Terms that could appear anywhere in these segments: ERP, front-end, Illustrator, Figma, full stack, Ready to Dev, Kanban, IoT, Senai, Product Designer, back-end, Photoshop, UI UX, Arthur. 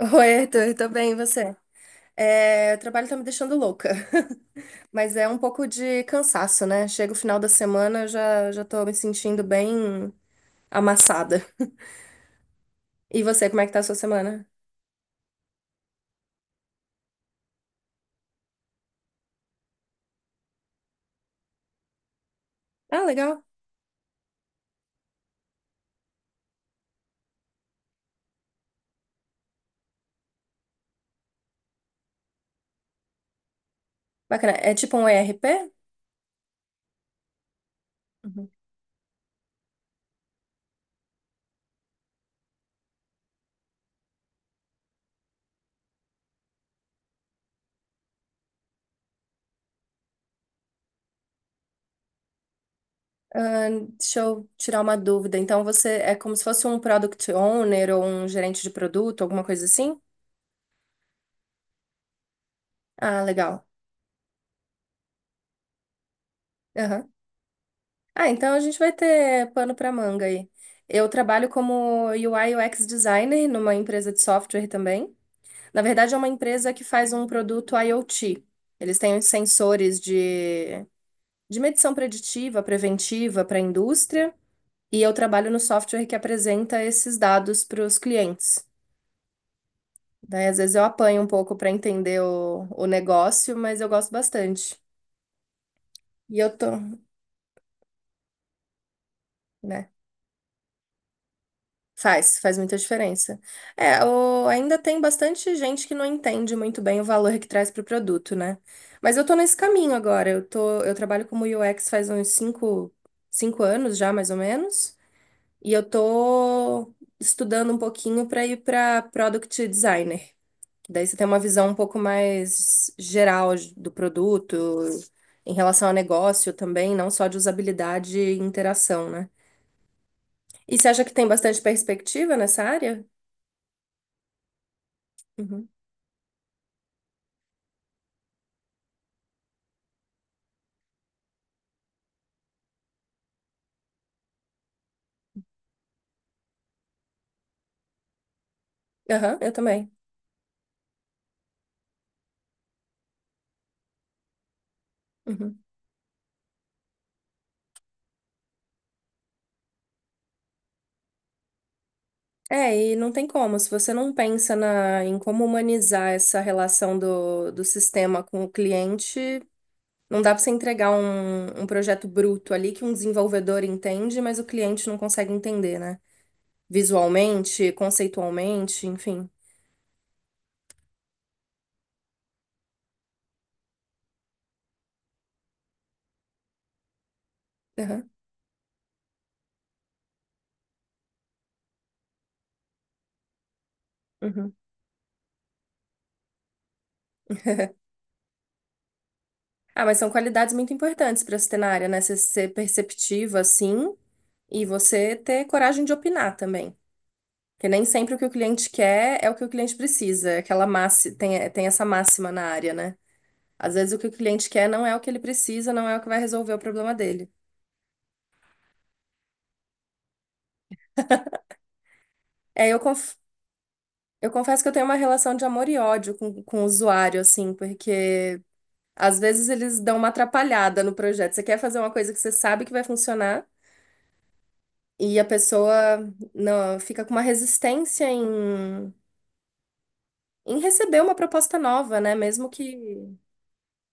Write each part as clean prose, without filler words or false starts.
Oi, Arthur, tô bem, e você? É, o trabalho tá me deixando louca, mas é um pouco de cansaço, né? Chega o final da semana, eu já tô me sentindo bem amassada. E você, como é que tá a sua semana? Ah, legal, bacana. É tipo um ERP? Uhum. Ah, deixa eu tirar uma dúvida. Então, você é como se fosse um product owner ou um gerente de produto, alguma coisa assim? Ah, legal. Ah, então a gente vai ter pano para manga aí. Eu trabalho como UI UX designer numa empresa de software também. Na verdade, é uma empresa que faz um produto IoT. Eles têm uns sensores de medição preditiva, preventiva para a indústria, e eu trabalho no software que apresenta esses dados para os clientes. Daí, às vezes, eu apanho um pouco para entender o negócio, mas eu gosto bastante. E eu tô, né? Faz, faz muita diferença. É, ainda tem bastante gente que não entende muito bem o valor que traz para o produto, né? Mas eu tô nesse caminho agora. Eu trabalho como UX faz uns cinco anos já, mais ou menos. E eu tô estudando um pouquinho para ir para Product Designer. Daí você tem uma visão um pouco mais geral do produto, em relação ao negócio também, não só de usabilidade e interação, né? E você acha que tem bastante perspectiva nessa área? Uhum. Aham, eu também. Uhum. É, e não tem como, se você não pensa em como humanizar essa relação do sistema com o cliente, não dá pra você entregar um projeto bruto ali que um desenvolvedor entende, mas o cliente não consegue entender, né? Visualmente, conceitualmente, enfim. Aham, uhum. Ah, mas são qualidades muito importantes pra você ter na área, né? Você ser perceptiva, assim, e você ter coragem de opinar também. Porque nem sempre o que o cliente quer é o que o cliente precisa. É aquela máxima, tem essa máxima na área, né? Às vezes o que o cliente quer não é o que ele precisa, não é o que vai resolver o problema dele. É, eu confesso que eu tenho uma relação de amor e ódio com o usuário, assim, porque às vezes eles dão uma atrapalhada no projeto. Você quer fazer uma coisa que você sabe que vai funcionar e a pessoa não, fica com uma resistência em receber uma proposta nova, né? Mesmo que.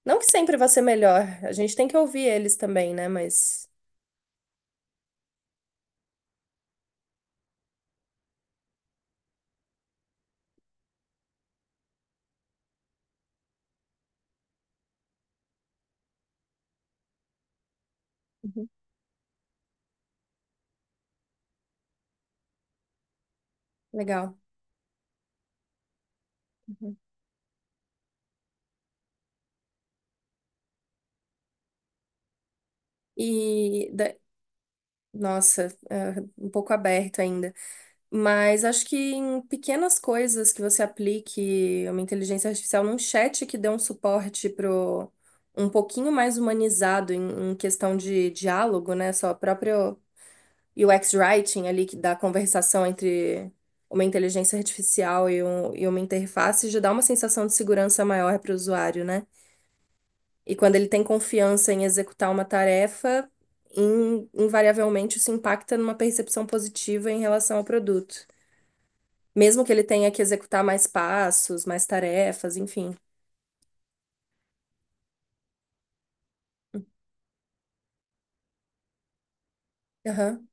Não que sempre vai ser melhor, a gente tem que ouvir eles também, né? Mas. Uhum, legal. Uhum. E da- nossa, um pouco aberto ainda. Mas acho que em pequenas coisas que você aplique uma inteligência artificial num chat que dê um suporte pro um pouquinho mais humanizado em questão de diálogo, né? Só o próprio UX writing ali que dá conversação entre uma inteligência artificial e uma interface já dá uma sensação de segurança maior para o usuário, né? E quando ele tem confiança em executar uma tarefa, invariavelmente isso impacta numa percepção positiva em relação ao produto. Mesmo que ele tenha que executar mais passos, mais tarefas, enfim. Aham.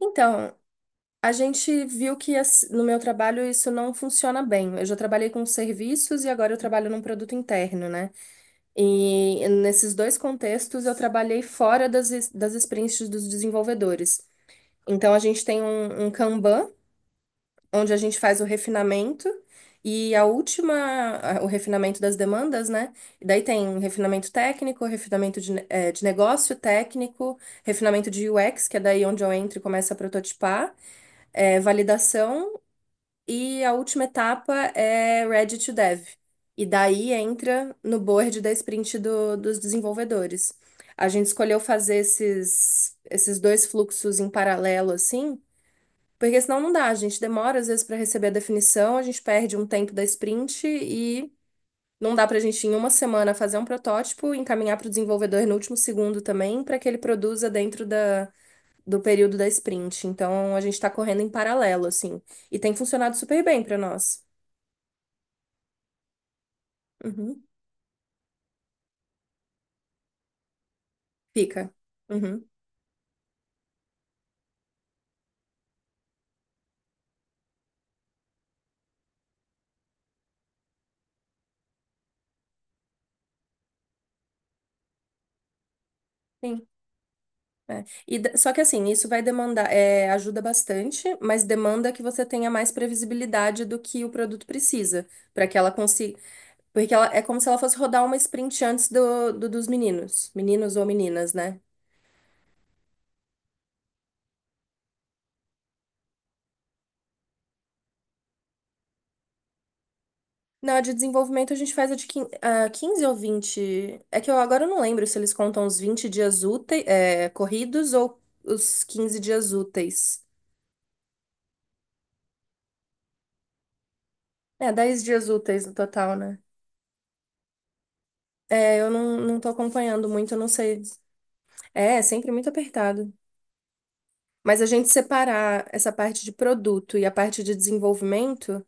Então, a gente viu que no meu trabalho isso não funciona bem. Eu já trabalhei com serviços e agora eu trabalho num produto interno, né? E nesses dois contextos eu trabalhei fora das sprints dos desenvolvedores. Então, a gente tem um Kanban onde a gente faz o refinamento e o refinamento das demandas, né? E daí tem refinamento técnico, refinamento de negócio técnico, refinamento de UX, que é daí onde eu entro e começo a prototipar, validação e a última etapa é Ready to Dev. E daí entra no board da sprint dos desenvolvedores. A gente escolheu fazer esses dois fluxos em paralelo, assim, porque senão não dá, a gente demora às vezes para receber a definição, a gente perde um tempo da sprint e não dá para a gente em uma semana fazer um protótipo, encaminhar para o desenvolvedor no último segundo também, para que ele produza dentro do período da sprint. Então a gente está correndo em paralelo, assim. E tem funcionado super bem para nós. Uhum. Fica. Uhum. Sim. É. Só que assim, isso vai demandar, ajuda bastante, mas demanda que você tenha mais previsibilidade do que o produto precisa para que ela consiga. Porque ela, é como se ela fosse rodar uma sprint antes dos meninos. Meninos ou meninas, né? Na de desenvolvimento, a gente faz a 15 ou vinte. É que eu agora eu não lembro se eles contam os 20 dias úteis, corridos ou os 15 dias úteis. É, 10 dias úteis no total, né? É, eu não tô acompanhando muito, eu não sei. É sempre muito apertado. Mas a gente separar essa parte de produto e a parte de desenvolvimento.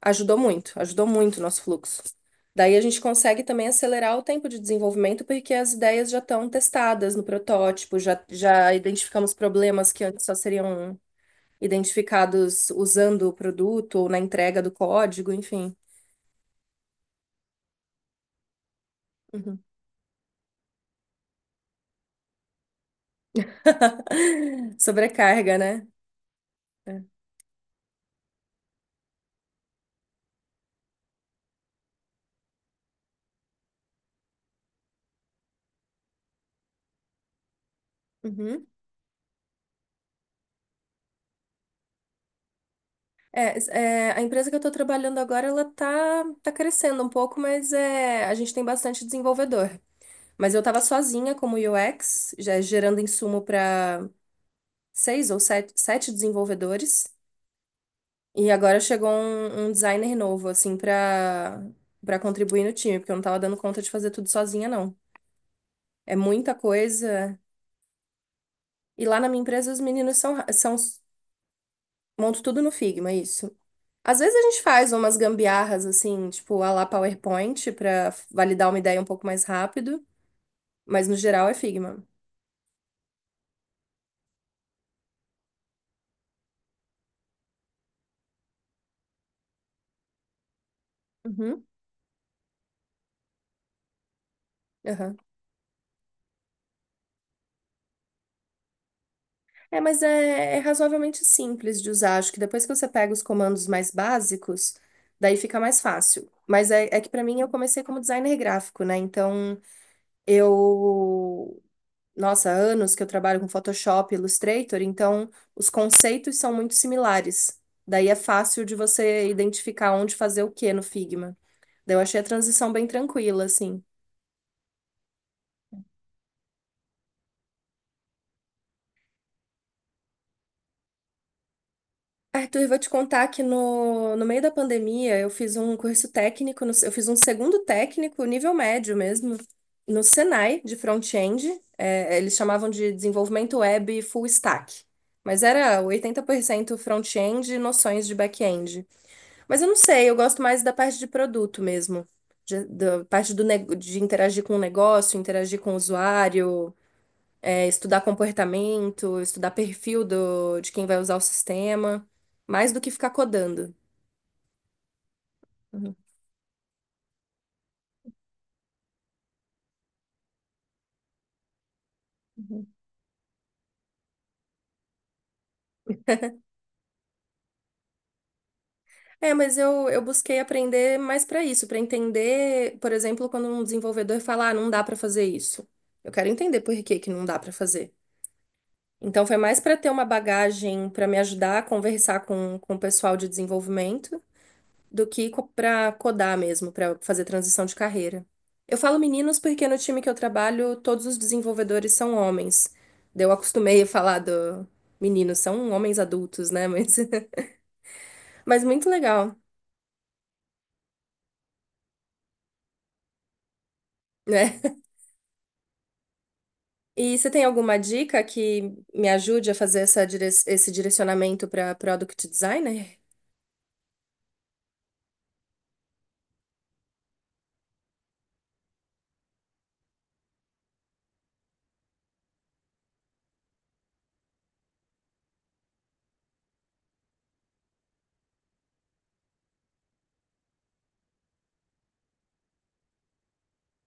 Ajudou muito o nosso fluxo. Daí a gente consegue também acelerar o tempo de desenvolvimento, porque as ideias já estão testadas no protótipo, já identificamos problemas que antes só seriam identificados usando o produto ou na entrega do código, enfim. Uhum. Sobrecarga, né? Uhum. É, a empresa que eu estou trabalhando agora, ela tá crescendo um pouco, mas a gente tem bastante desenvolvedor. Mas eu estava sozinha como UX, já gerando insumo para seis ou sete desenvolvedores. E agora chegou um designer novo, assim, para contribuir no time, porque eu não tava dando conta de fazer tudo sozinha, não. É muita coisa. E lá na minha empresa, os meninos montam tudo no Figma, isso. Às vezes a gente faz umas gambiarras, assim, tipo, à la PowerPoint, para validar uma ideia um pouco mais rápido, mas no geral é Figma. Uhum. Aham. É, mas é razoavelmente simples de usar. Acho que depois que você pega os comandos mais básicos, daí fica mais fácil. Mas é que pra mim eu comecei como designer gráfico, né? Então eu. Nossa, há anos que eu trabalho com Photoshop, Illustrator, então os conceitos são muito similares. Daí é fácil de você identificar onde fazer o que no Figma. Daí eu achei a transição bem tranquila, assim. Arthur, eu vou te contar que no meio da pandemia eu fiz um curso técnico, eu fiz um segundo técnico, nível médio mesmo, no Senai, de front-end. É, eles chamavam de desenvolvimento web full stack. Mas era 80% front-end e noções de back-end. Mas eu não sei, eu gosto mais da parte de produto mesmo. Da parte de interagir com o negócio, interagir com o usuário, estudar comportamento, estudar perfil de quem vai usar o sistema, mais do que ficar codando. Uhum, uhum. É, mas eu busquei aprender mais para isso, para entender, por exemplo, quando um desenvolvedor fala, ah, não dá para fazer isso. Eu quero entender por que que não dá para fazer. Então foi mais para ter uma bagagem para me ajudar a conversar com o pessoal de desenvolvimento do que para codar mesmo, para fazer transição de carreira. Eu falo meninos porque no time que eu trabalho, todos os desenvolvedores são homens. Daí eu acostumei a falar do meninos, são homens adultos, né? Mas, mas muito legal, né? E você tem alguma dica que me ajude a fazer esse direcionamento para product designer?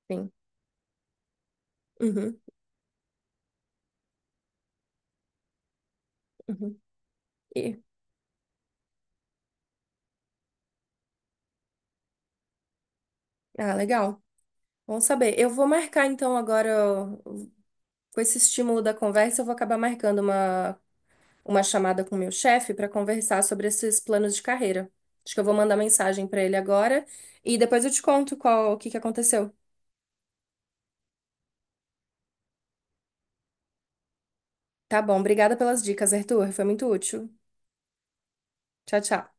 Sim. Uhum, uhum. E- ah, legal. Bom saber. Eu vou marcar então agora, ó, com esse estímulo da conversa, eu vou acabar marcando uma chamada com o meu chefe para conversar sobre esses planos de carreira. Acho que eu vou mandar mensagem para ele agora e depois eu te conto o que que aconteceu. Tá bom, obrigada pelas dicas, Arthur. Foi muito útil. Tchau, tchau.